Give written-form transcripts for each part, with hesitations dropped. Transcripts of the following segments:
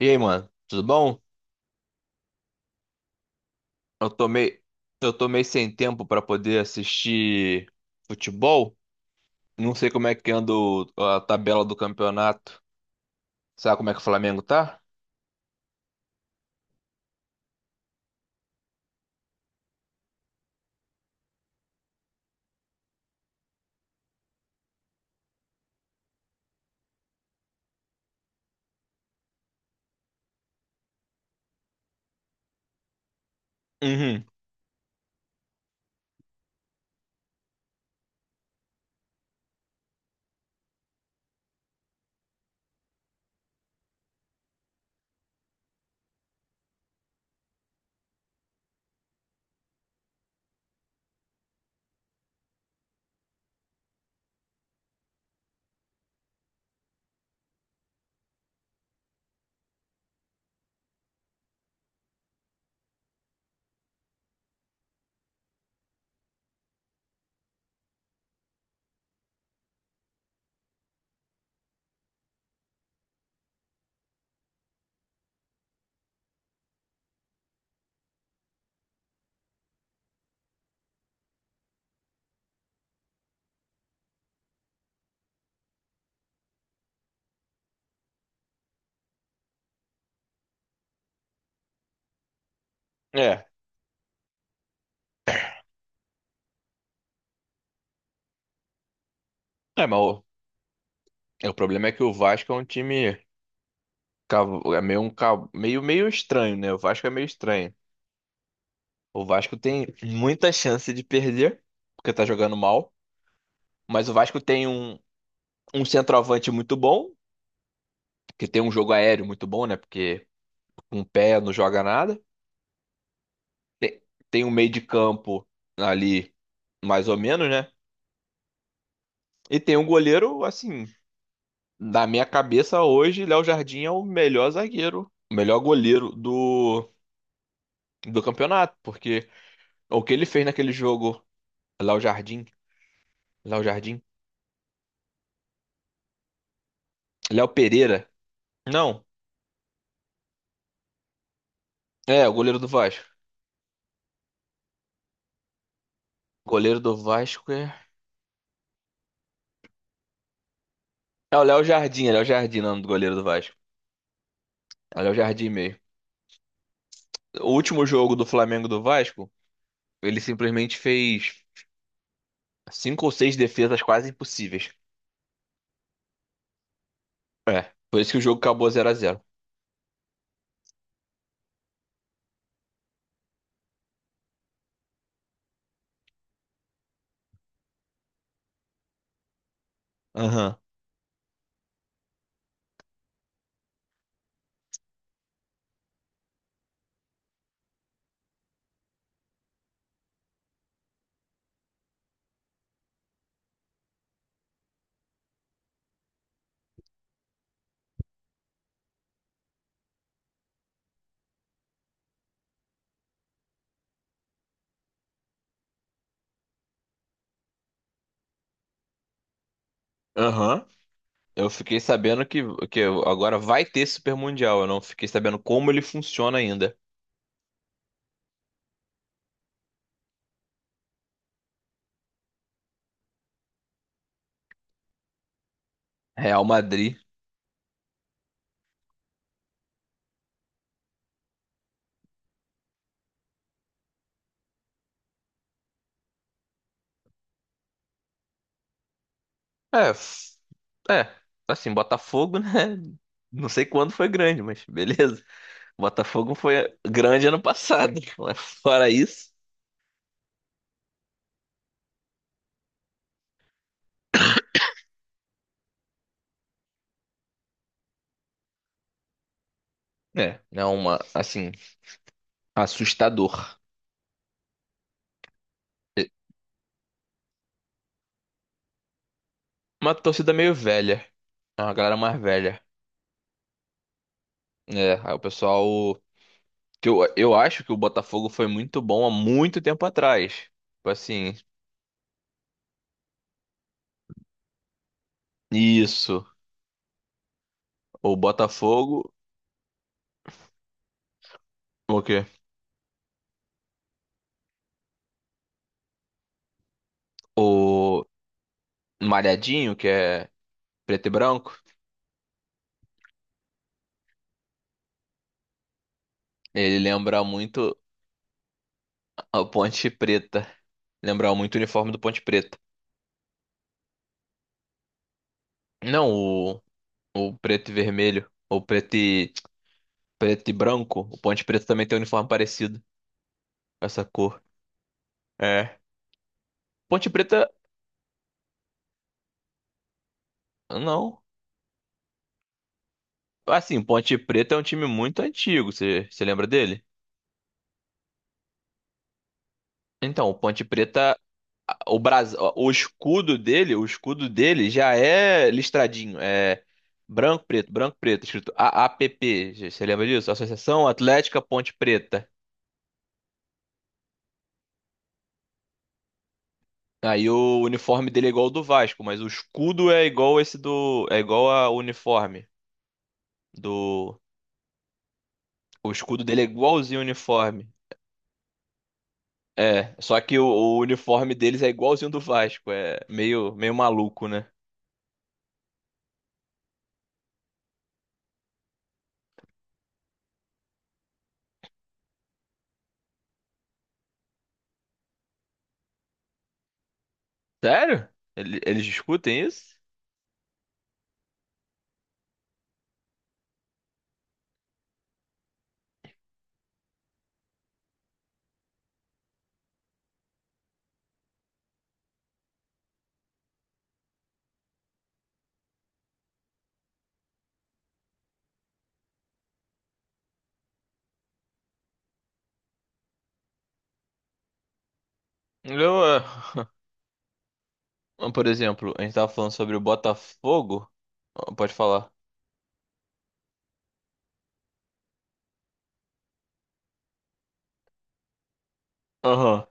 E aí, mano, tudo bom? Eu tomei, eu tomei sem tempo pra poder assistir futebol. Não sei como é que anda a tabela do campeonato. Sabe como é que o Flamengo tá? Uhum. É. É, mas o problema é que o Vasco é um time cav- é meio um cav- meio meio estranho, né? O Vasco é meio estranho. O Vasco tem muita chance de perder, porque tá jogando mal. Mas o Vasco tem um centroavante muito bom, que tem um jogo aéreo muito bom, né? Porque com o pé não joga nada. Tem, tem um meio de campo ali, mais ou menos, né? E tem um goleiro, assim, na minha cabeça hoje, Léo Jardim é o melhor zagueiro, o melhor goleiro do campeonato. Porque o que ele fez naquele jogo, Léo Jardim, Léo Jardim, Léo Pereira. Não, é, o goleiro do Vasco. Goleiro do Vasco é. É o Léo Jardim, é Léo Jardim, não, do goleiro do Vasco. É o Léo Jardim mesmo. O último jogo do Flamengo do Vasco, ele simplesmente fez cinco ou seis defesas quase impossíveis. É, por isso que o jogo acabou 0 a 0. Aham. Aham. Eu fiquei sabendo que agora vai ter Super Mundial. Eu não fiquei sabendo como ele funciona ainda. Real Madrid. É, é, assim, Botafogo, né? Não sei quando foi grande, mas beleza. O Botafogo foi grande ano passado, mas fora isso, é uma, assim, assustador. É uma torcida meio velha, é uma galera mais velha. É, aí o pessoal, que eu acho que o Botafogo foi muito bom há muito tempo atrás. Tipo assim, isso, o Botafogo, o quê? O Malhadinho, que é preto e branco, ele lembra muito a Ponte Preta, lembra muito o uniforme do Ponte Preta. Não, ou preto e vermelho. Ou preto e, preto e branco. O Ponte Preta também tem um uniforme parecido com essa cor. É. Ponte Preta. Não. Assim, Ponte Preta é um time muito antigo. Você lembra dele? Então, o Ponte Preta. O escudo dele já é listradinho. É branco, preto, escrito AAPP. Você lembra disso? Associação Atlética Ponte Preta. Aí o uniforme dele é igual ao do Vasco, mas o escudo é igual esse do. É igual ao uniforme. Do. O escudo dele é igualzinho o uniforme. É, só que o uniforme deles é igualzinho do Vasco. É meio maluco, né? Sério? Eles discutem isso? Eu, por exemplo, a gente tava falando sobre o Botafogo. Ah, pode falar. Aham,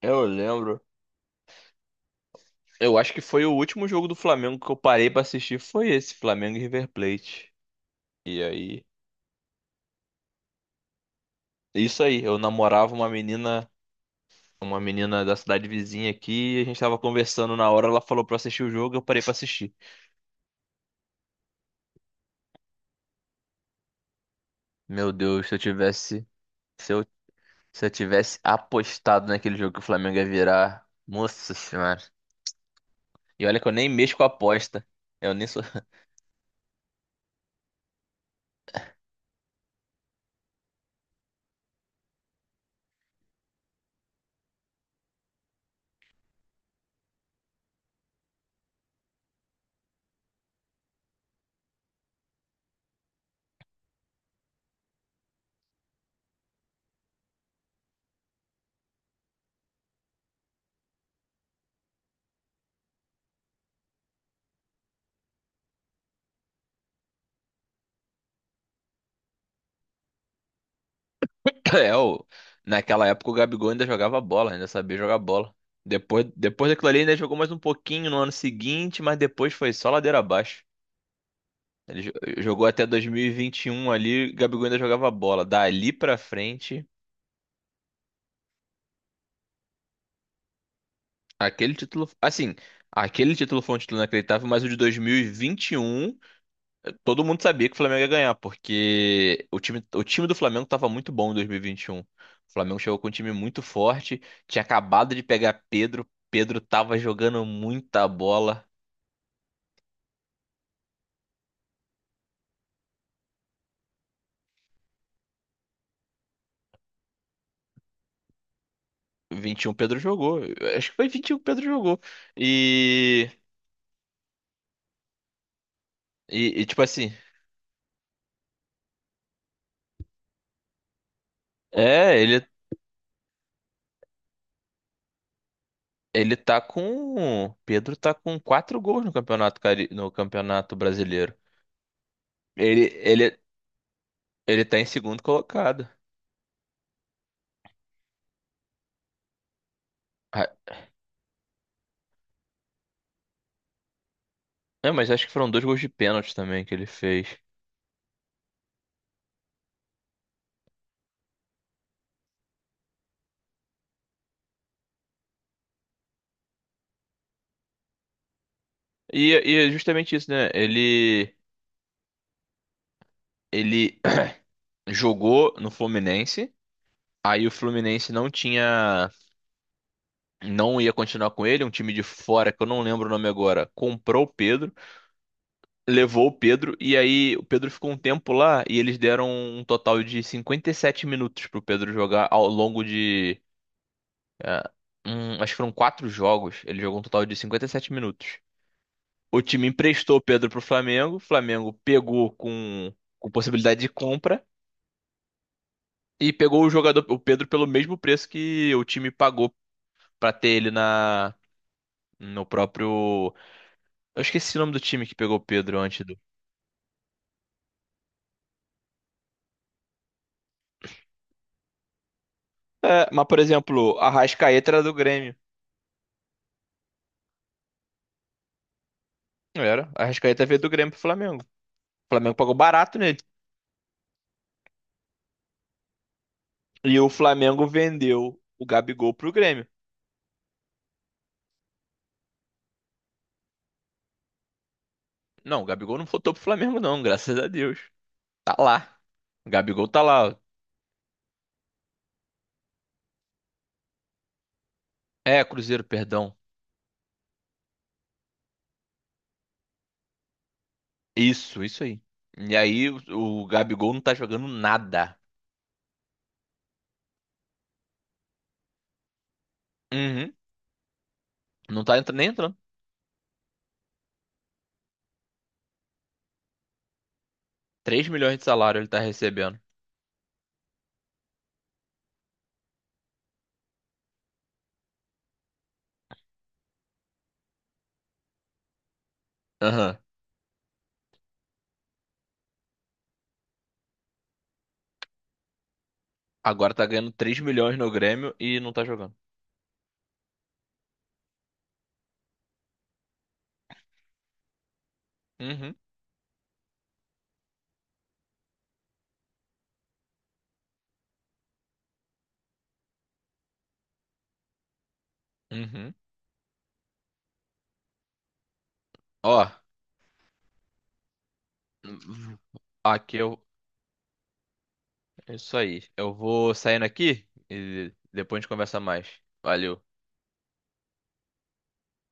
eu lembro. Eu acho que foi o último jogo do Flamengo que eu parei pra assistir. Foi esse, Flamengo e River Plate. E aí. Isso aí, eu namorava uma menina da cidade vizinha aqui, e a gente tava conversando na hora, ela falou pra eu assistir o jogo, eu parei pra assistir. Meu Deus, se eu, se eu tivesse apostado naquele jogo que o Flamengo ia virar, nossa senhora. E olha que eu nem mexo com aposta. Eu nem sou. É, o naquela época o Gabigol ainda jogava bola, ainda sabia jogar bola. Depois daquilo ali, ainda jogou mais um pouquinho no ano seguinte, mas depois foi só ladeira abaixo. Ele jogou até dois mil e vinte e um ali, Gabigol ainda jogava bola. Dali pra frente. Aquele título, assim, aquele título foi um título inacreditável, mas o de 2021, todo mundo sabia que o Flamengo ia ganhar, porque o time do Flamengo estava muito bom em 2021. O Flamengo chegou com um time muito forte, tinha acabado de pegar Pedro, Pedro tava jogando muita bola. 21 Pedro jogou, eu acho que foi 21 que Pedro jogou. E, e, tipo assim, é, ele ele tá com, Pedro tá com quatro gols no campeonato no campeonato brasileiro. Ele, ele, Ele tá em segundo colocado. Ah, é, mas acho que foram dois gols de pênalti também que ele fez. E é justamente isso, né? Ele jogou no Fluminense. Aí o Fluminense não tinha, não ia continuar com ele, um time de fora que eu não lembro o nome agora, comprou o Pedro, levou o Pedro e aí o Pedro ficou um tempo lá e eles deram um total de 57 minutos pro Pedro jogar ao longo de, ah, acho que foram quatro jogos, ele jogou um total de 57 minutos. O time emprestou o Pedro pro Flamengo, o Flamengo pegou com, possibilidade de compra e pegou o jogador, o Pedro, pelo mesmo preço que o time pagou pra ter ele na no próprio. Eu esqueci o nome do time que pegou o Pedro antes do. É, mas, por exemplo, a Arrascaeta era do Grêmio. Não era. A Arrascaeta veio do Grêmio pro Flamengo. O Flamengo pagou barato nele. E o Flamengo vendeu o Gabigol pro Grêmio. Não, o Gabigol não voltou pro Flamengo, não, graças a Deus. Tá lá. O Gabigol tá lá. É, Cruzeiro, perdão. Isso aí. E aí o Gabigol não tá jogando nada. Uhum. Não tá nem entrando. 3 milhões de salário ele tá recebendo. Aham. Agora tá ganhando 3 milhões no Grêmio e não tá jogando. Uhum. Uhum. Ó, aqui eu. Isso aí. Eu vou saindo aqui e depois a gente conversa mais. Valeu.